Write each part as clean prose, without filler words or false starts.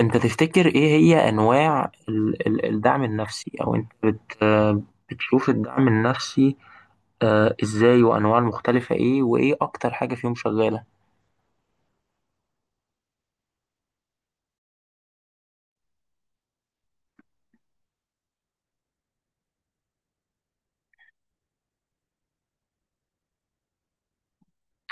انت تفتكر ايه هي انواع الدعم النفسي او انت بت بتشوف الدعم النفسي ازاي وانواع المختلفة ايه وايه اكتر حاجة فيهم شغالة؟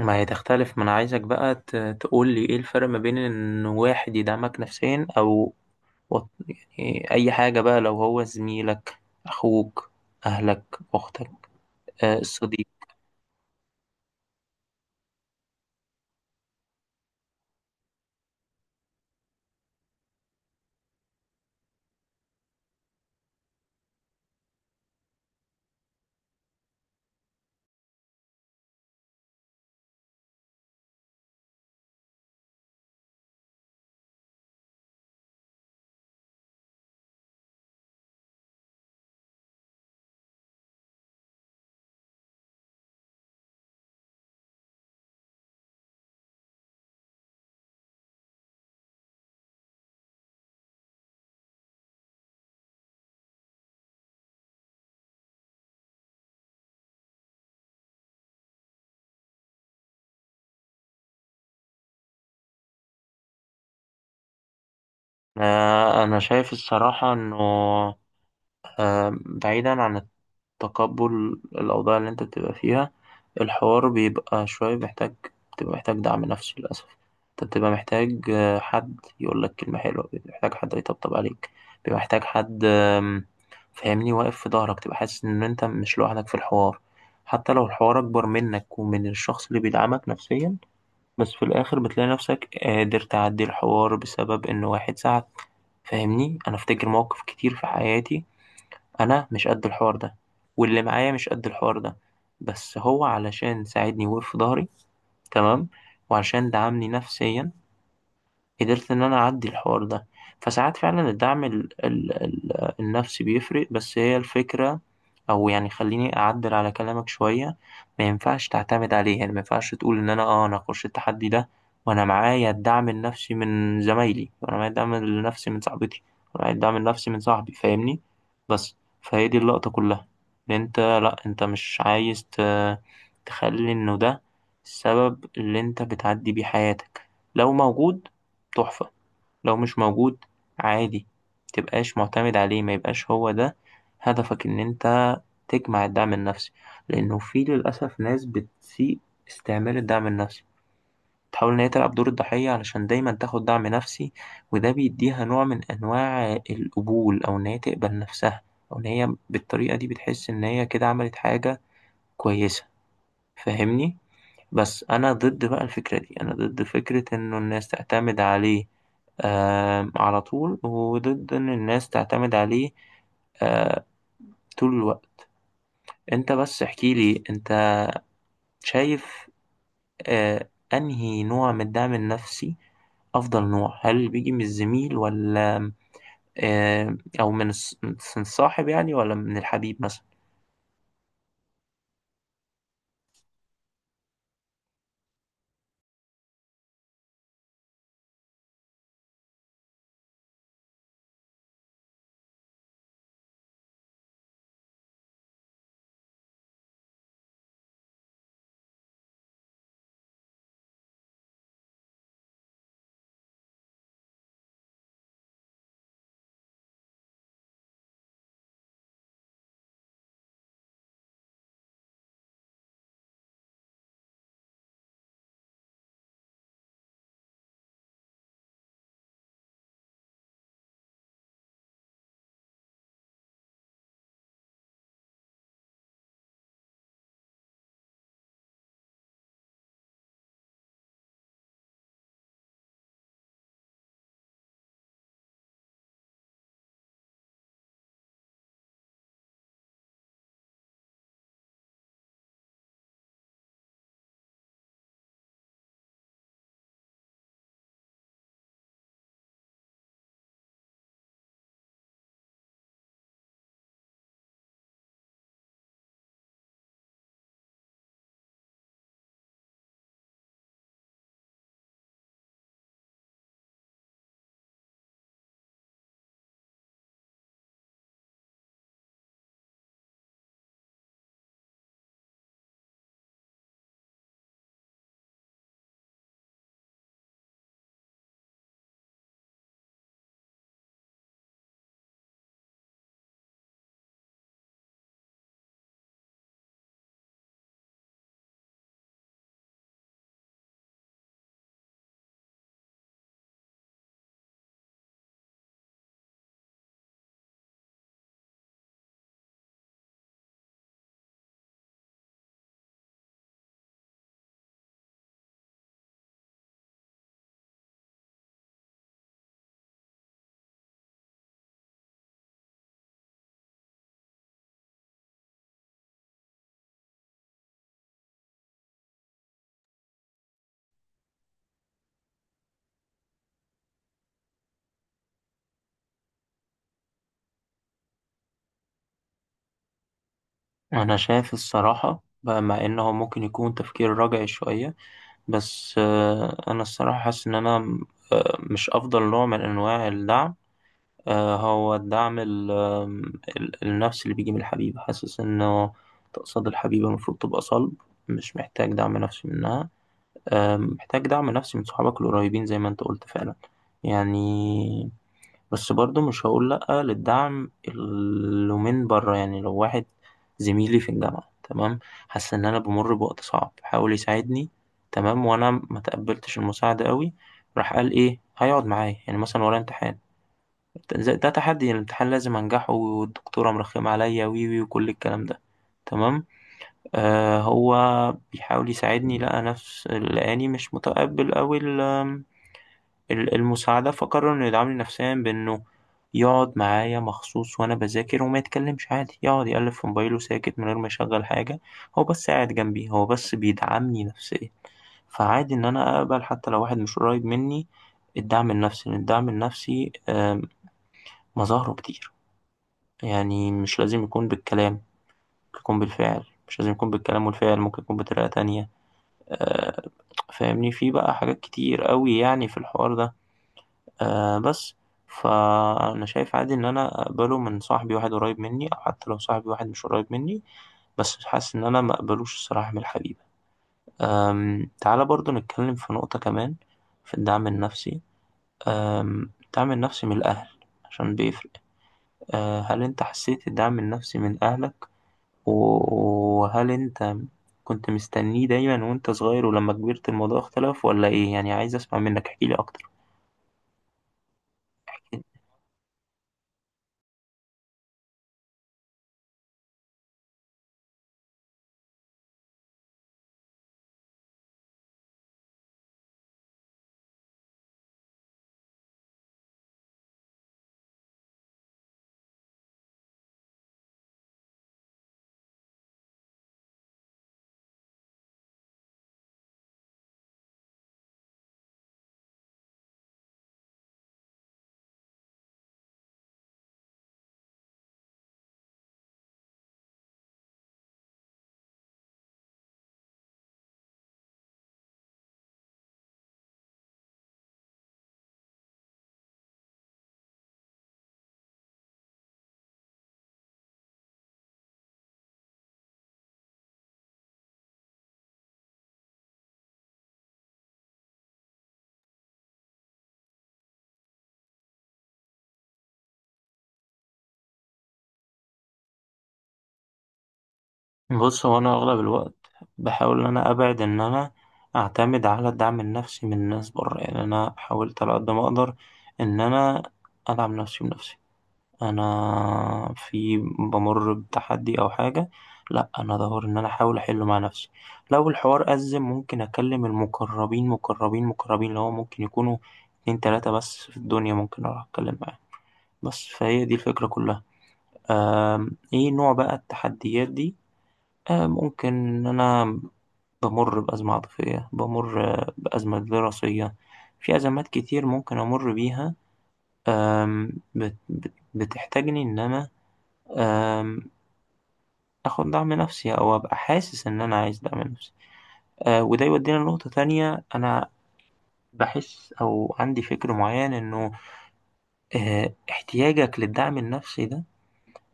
ما هي تختلف، ما انا عايزك بقى تقول لي ايه الفرق ما بين ان واحد يدعمك نفسيا او وط- يعني اي حاجة، بقى لو هو زميلك، اخوك، اهلك، اختك، الصديق. انا شايف الصراحة انه بعيدا عن تقبل الأوضاع اللي أنت بتبقى فيها، الحوار بيبقى شوية محتاج، بتبقى محتاج دعم نفسي للأسف. أنت بتبقى محتاج، حد يقول لك كلمة حلوة، بيبقى محتاج حد يطبطب عليك، بيبقى محتاج حد فاهمني، واقف في ظهرك، تبقى حاسس إن أنت مش لوحدك في الحوار، حتى لو الحوار أكبر منك ومن الشخص اللي بيدعمك نفسيا. بس في الآخر بتلاقي نفسك قادر تعدي الحوار بسبب إن واحد ساعد. فاهمني، أنا أفتكر مواقف كتير في حياتي أنا مش قد الحوار ده، واللي معايا مش قد الحوار ده، بس هو علشان ساعدني ووقف في ضهري، تمام، وعشان دعمني نفسيا، قدرت ان انا اعدي الحوار ده. فساعات فعلا الدعم ال ال ال النفسي بيفرق، بس هي الفكرة، او يعني خليني اعدل على كلامك شوية، ما ينفعش تعتمد عليه. يعني ما ينفعش تقول ان انا انا اخش التحدي ده وانا معايا الدعم النفسي من زمايلي، وانا معايا الدعم النفسي من صاحبتي، وانا معايا الدعم النفسي من صاحبي، فاهمني؟ بس فهي دي اللقطة كلها، ان انت لا، انت مش عايز تخلي انه ده السبب اللي انت بتعدي بيه حياتك. لو موجود، تحفة؛ لو مش موجود، عادي. متبقاش معتمد عليه، ما يبقاش هو ده هدفك، إن أنت تجمع الدعم النفسي. لأنه في للأسف ناس بتسيء استعمال الدعم النفسي، تحاول إن هي تلعب دور الضحية علشان دايما تاخد دعم نفسي، وده بيديها نوع من أنواع القبول، أو إن هي تقبل نفسها، أو إن هي بالطريقة دي بتحس إن هي كده عملت حاجة كويسة، فاهمني؟ بس انا ضد بقى الفكرة دي، انا ضد فكرة انه الناس تعتمد عليه، آه، على طول، وضد ان الناس تعتمد عليه آه طول الوقت. انت بس احكي لي انت شايف آه انهي نوع من الدعم النفسي افضل نوع، هل اللي بيجي من الزميل ولا او من من الصاحب يعني، ولا من الحبيب مثلا؟ انا شايف الصراحة بقى، مع انه ممكن يكون تفكير رجعي شوية، بس آه انا الصراحة حاسس ان انا مش أفضل نوع من أنواع الدعم، هو الدعم النفسي اللي بيجي من الحبيبة، حاسس إنه، تقصد الحبيبة المفروض تبقى صلب، مش محتاج دعم نفسي منها. محتاج دعم نفسي من صحابك القريبين زي ما أنت قلت فعلا يعني. بس برضه مش هقول لأ للدعم اللي من بره. يعني لو واحد زميلي في الجامعة، تمام، حاسس إن أنا بامُر بوقت صعب، حاول يساعدني، تمام، وأنا ما تقبّلتش المساعدة أوي، راح قال إيه هيقعد معايا، يعني مثلًا ورايا امتحان، ت ز ده تحدي، يعني الامتحان لازم أنجحه، والدكتورة مرخمة عليَّ، و، و، وكل الكلام ده، تمام، هو بيحاول يساعدني، لقى نفس لقاني مش متقبّل أوي المساعدة، فقرر إنه يدعمني نفسيا بإنه يقعد معايا مخصوص وأنا بذاكر، وما يتكلمش، عادي يقعد يقلب في موبايله ساكت من غير ما يشغل حاجة، هو بس قاعد جنبي، هو بس بيدعمني نفسيا. فعادي إن أنا أقبل حتى لو واحد مش قريب مني الدعم النفسي، لأن الدعم النفسي مظاهره كتير، يعني مش لازم يكون بالكلام، ممكن يكون بالفعل، مش لازم يكون بالكلام والفعل، ممكن يكون بطريقة تانية، آه، فاهمني، في بقى حاجات كتير قوي يعني في الحوار ده آه. بس فأنا شايف عادي إن أنا أقبله من صاحبي، واحد قريب مني أو حتى لو صاحبي واحد مش قريب مني، بس حاسس إن أنا ما أقبلوش الصراحة من الحبيبة. أم، تعالى برضو نتكلم في نقطة كمان في الدعم النفسي، أم الدعم النفسي من الأهل، عشان بيفرق. أه، هل أنت حسيت الدعم النفسي من أهلك، وهل أنت كنت مستنيه دايما وأنت صغير، ولما كبرت الموضوع اختلف، ولا إيه؟ يعني عايز أسمع منك، احكيلي أكتر. بص، هو انا اغلب الوقت بحاول ان انا ابعد ان انا اعتمد على الدعم النفسي من الناس بره. يعني انا حاولت على قد ما اقدر ان انا ادعم نفسي بنفسي، انا في بمر بتحدي او حاجه، لا انا ادور ان انا احاول احله مع نفسي. لو الحوار ازم، ممكن اكلم المقربين، مقربين مقربين اللي هو ممكن يكونوا اتنين تلاته بس في الدنيا، ممكن اروح اتكلم معاهم. بس فهي دي الفكره كلها. أم، ايه نوع بقى التحديات دي؟ ممكن إن أنا بمر بأزمة عاطفية، بمر بأزمة دراسية، في أزمات كتير ممكن أمر بيها، بتحتاجني إن أنا آم، آخد دعم نفسي، أو أبقى حاسس إن أنا عايز دعم نفسي. وده يودينا لنقطة تانية. أنا بحس، أو عندي فكر معين إنه احتياجك للدعم النفسي ده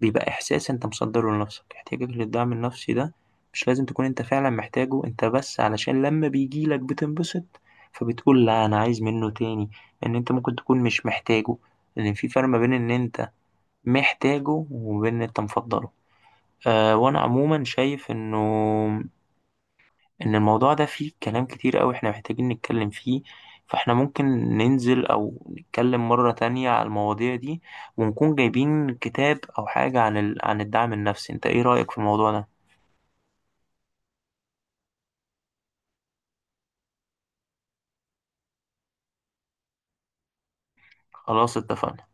بيبقى إحساس أنت مصدّره لنفسك، احتياجك للدعم النفسي ده مش لازم تكون أنت فعلًا محتاجه، أنت بس علشان لمّا بييجي لك بتنبسط، فبتقول لأ أنا عايز منّه تاني، لإن أنت ممكن تكون مش محتاجه، لإن في فرق ما بين إن أنت محتاجه وما بين إن أنت مفضّله. وأنا عمومًا شايف إنه ان الموضوع ده فيه كلام كتير قوي احنا محتاجين نتكلم فيه. فاحنا ممكن ننزل او نتكلم مرة تانية على المواضيع دي، ونكون جايبين كتاب او حاجة عن عن الدعم النفسي. انت ايه رأيك في الموضوع ده؟ خلاص، اتفقنا.